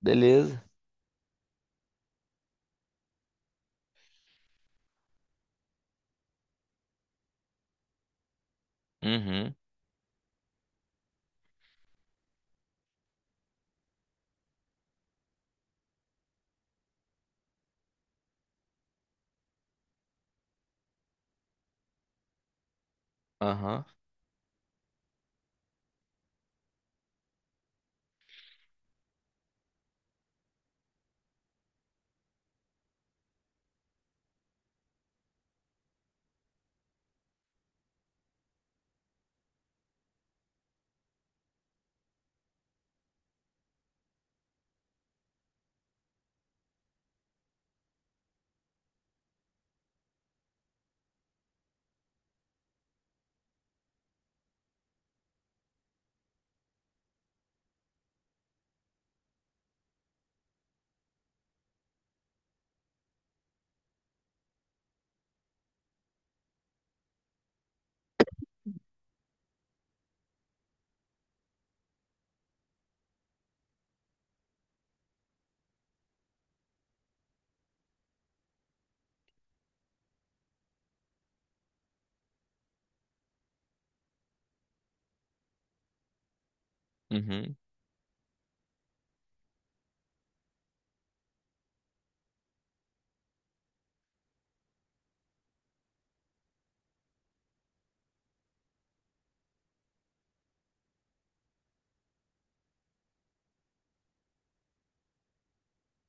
Beleza. Uhum, aham, uhum.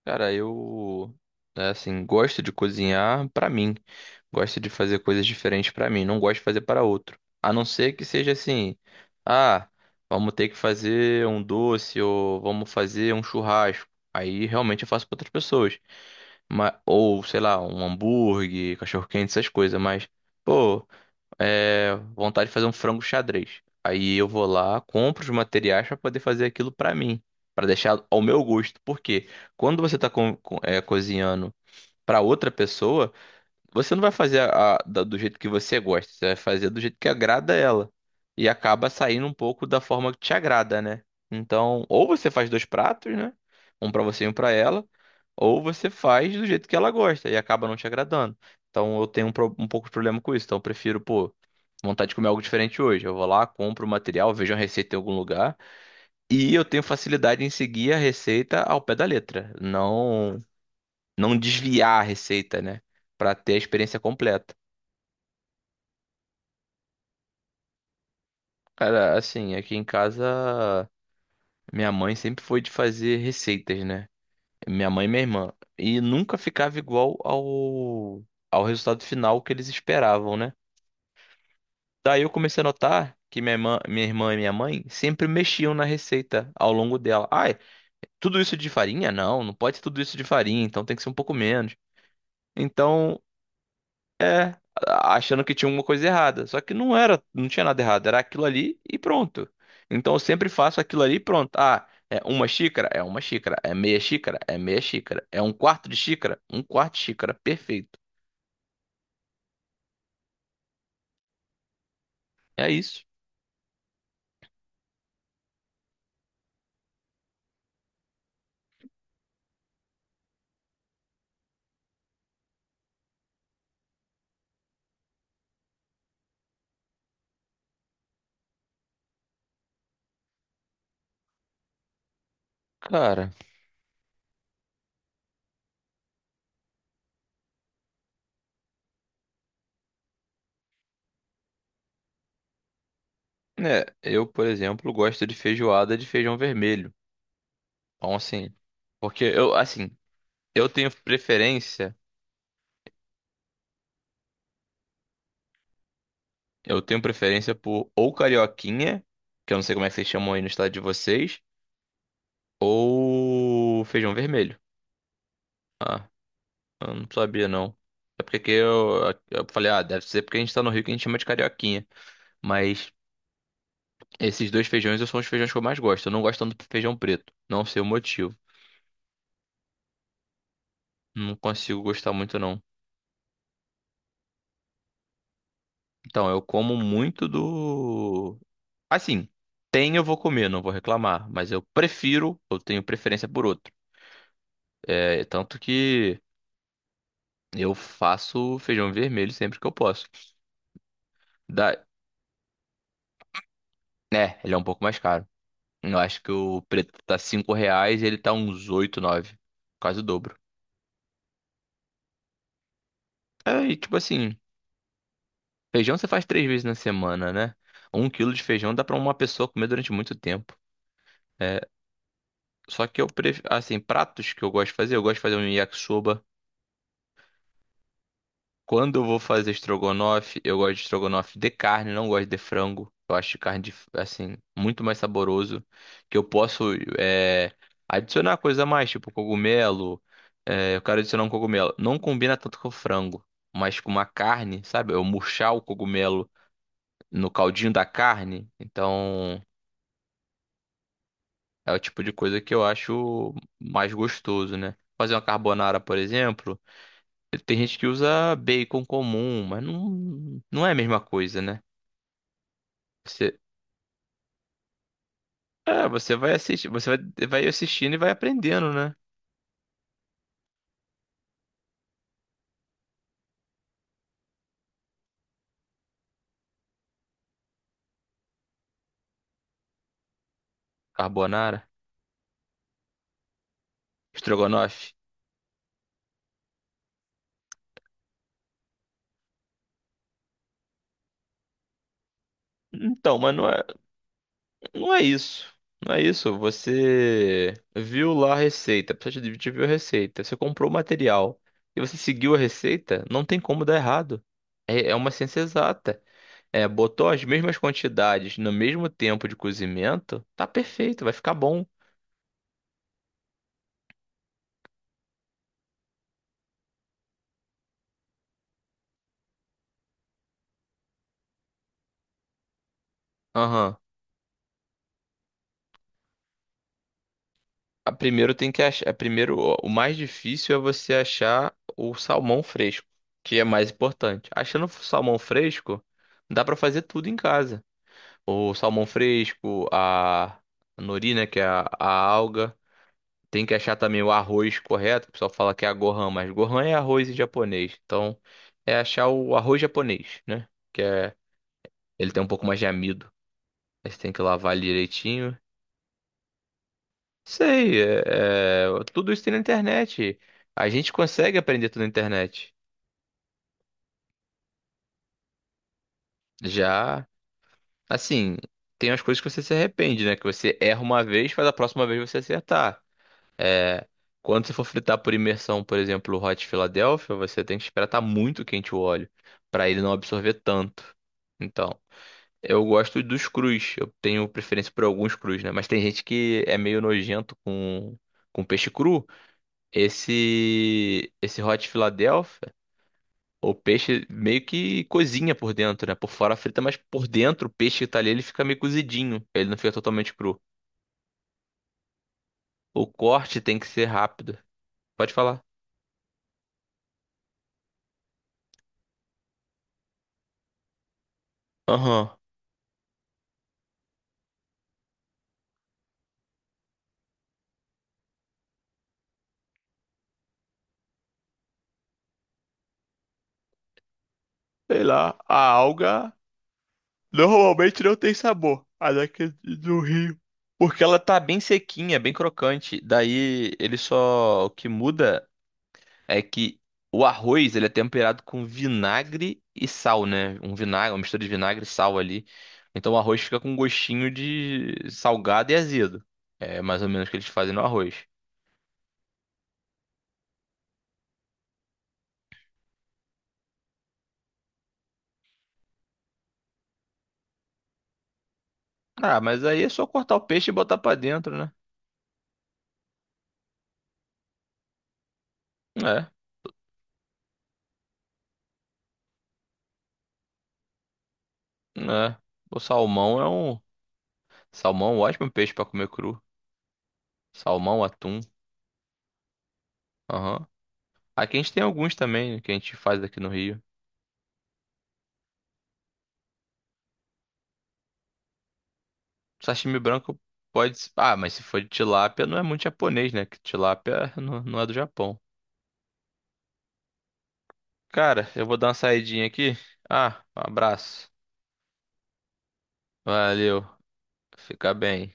Cara, eu, né, assim, gosto de cozinhar pra mim. Gosto de fazer coisas diferentes pra mim. Não gosto de fazer para outro. A não ser que seja assim, ah, vamos ter que fazer um doce ou vamos fazer um churrasco. Aí realmente eu faço pra outras pessoas. Mas, ou, sei lá, um hambúrguer, cachorro-quente, essas coisas. Mas, pô, vontade de fazer um frango xadrez. Aí eu vou lá, compro os materiais para poder fazer aquilo para mim, para deixar ao meu gosto. Porque quando você está cozinhando para outra pessoa, você não vai fazer do jeito que você gosta, você vai fazer do jeito que agrada ela. E acaba saindo um pouco da forma que te agrada, né? Então, ou você faz dois pratos, né? Um pra você e um pra ela, ou você faz do jeito que ela gosta e acaba não te agradando. Então, eu tenho um pouco de problema com isso. Então, eu prefiro, pô, vontade de comer algo diferente hoje. Eu vou lá, compro o material, vejo uma receita em algum lugar e eu tenho facilidade em seguir a receita ao pé da letra, não desviar a receita, né? Pra ter a experiência completa. Cara, assim, aqui em casa, minha mãe sempre foi de fazer receitas, né? Minha mãe e minha irmã. E nunca ficava igual ao resultado final que eles esperavam, né? Daí eu comecei a notar que minha irmã e minha mãe sempre mexiam na receita ao longo dela. Ai, tudo isso de farinha? Não, não pode ser tudo isso de farinha, então tem que ser um pouco menos. Então, É, achando que tinha uma coisa errada. Só que não era, não tinha nada errado, era aquilo ali e pronto. Então eu sempre faço aquilo ali e pronto. Ah, é uma xícara? É uma xícara. É meia xícara? É meia xícara. É um quarto de xícara? Um quarto de xícara. Perfeito. É isso. Cara, né, eu, por exemplo, gosto de feijoada de feijão vermelho. Então, assim, porque eu, assim, eu tenho preferência, eu tenho preferência por ou carioquinha, que eu não sei como é que vocês chamam aí no estado de vocês, ou feijão vermelho. Ah, eu não sabia não. É porque que eu falei, ah, deve ser porque a gente tá no Rio que a gente chama de carioquinha. Mas esses dois feijões são os feijões que eu mais gosto. Eu não gosto tanto do feijão preto. Não sei o motivo. Não consigo gostar muito não. Então, eu como muito do... Assim, tem eu vou comer, não vou reclamar. Mas eu prefiro, eu tenho preferência por outro. É, tanto que eu faço feijão vermelho sempre que eu posso. Da... É, ele é um pouco mais caro. Eu acho que o preto tá R$ 5 e ele tá uns 8 nove. Quase o dobro. É, e tipo assim, feijão você faz três vezes na semana, né? Um quilo de feijão dá pra uma pessoa comer durante muito tempo. É, só que eu prefiro, assim, pratos que eu gosto de fazer, eu gosto de fazer um yakisoba. Quando eu vou fazer estrogonofe, eu gosto de estrogonofe de carne, não gosto de frango. Eu acho carne, de- assim, muito mais saboroso. Que eu posso é, adicionar coisa a mais, tipo cogumelo. É, eu quero adicionar um cogumelo. Não combina tanto com frango, mas com uma carne, sabe? Eu murchar o cogumelo no caldinho da carne. Então, é o tipo de coisa que eu acho mais gostoso, né? Fazer uma carbonara, por exemplo. Tem gente que usa bacon comum, mas não, não é a mesma coisa, né? Você, você vai assistir, você vai assistindo e vai aprendendo, né? Carbonara, estrogonofe. Então, mas não é, não é isso. Não é isso. Você viu lá a receita, precisa de te viu a receita, você comprou o material e você seguiu a receita, não tem como dar errado. É, é uma ciência exata. É, botou as mesmas quantidades no mesmo tempo de cozimento, tá perfeito, vai ficar bom. Aham. a- primeiro tem que achar. A Primeiro, o mais difícil é você achar o salmão fresco, que é mais importante. Achando o salmão fresco, dá pra fazer tudo em casa. O salmão fresco, a nori, né, que é a alga. Tem que achar também o arroz correto. O pessoal fala que é a gohan, mas gohan é arroz em japonês. Então, é achar o arroz japonês, né? Que é, ele tem um pouco mais de amido. Aí você tem que lavar ele direitinho. Sei, tudo isso tem na internet. A gente consegue aprender tudo na internet. Já, assim, tem as coisas que você se arrepende, né? Que você erra uma vez, mas a próxima vez você acertar. É, quando você for fritar por imersão, por exemplo, o Hot Philadelphia, você tem que esperar estar muito quente o óleo, para ele não absorver tanto. Então, eu gosto dos crus. Eu tenho preferência por alguns crus, né? Mas tem gente que é meio nojento com peixe cru. Esse Hot Philadelphia. O peixe meio que cozinha por dentro, né? Por fora frita, mas por dentro o peixe que tá ali, ele fica meio cozidinho. Ele não fica totalmente cru. O corte tem que ser rápido. Pode falar. Aham. Sei lá, a alga normalmente não tem sabor, a daqui do rio. Porque ela tá bem sequinha, bem crocante. Daí ele só. O que muda é que o arroz, ele é temperado com vinagre e sal, né? Um vinagre, uma mistura de vinagre e sal ali. Então o arroz fica com um gostinho de salgado e azedo. É mais ou menos o que eles fazem no arroz. Ah, mas aí é só cortar o peixe e botar pra dentro, né? É, né? O salmão, é um ótimo peixe pra comer cru. Salmão, atum. Aham. Aqui a gente tem alguns também né, que a gente faz aqui no Rio. Sashimi branco pode. Ah, mas se for de tilápia, não é muito japonês, né? Que tilápia não, não é do Japão. Cara, eu vou dar uma saidinha aqui. Ah, um abraço. Valeu. Fica bem.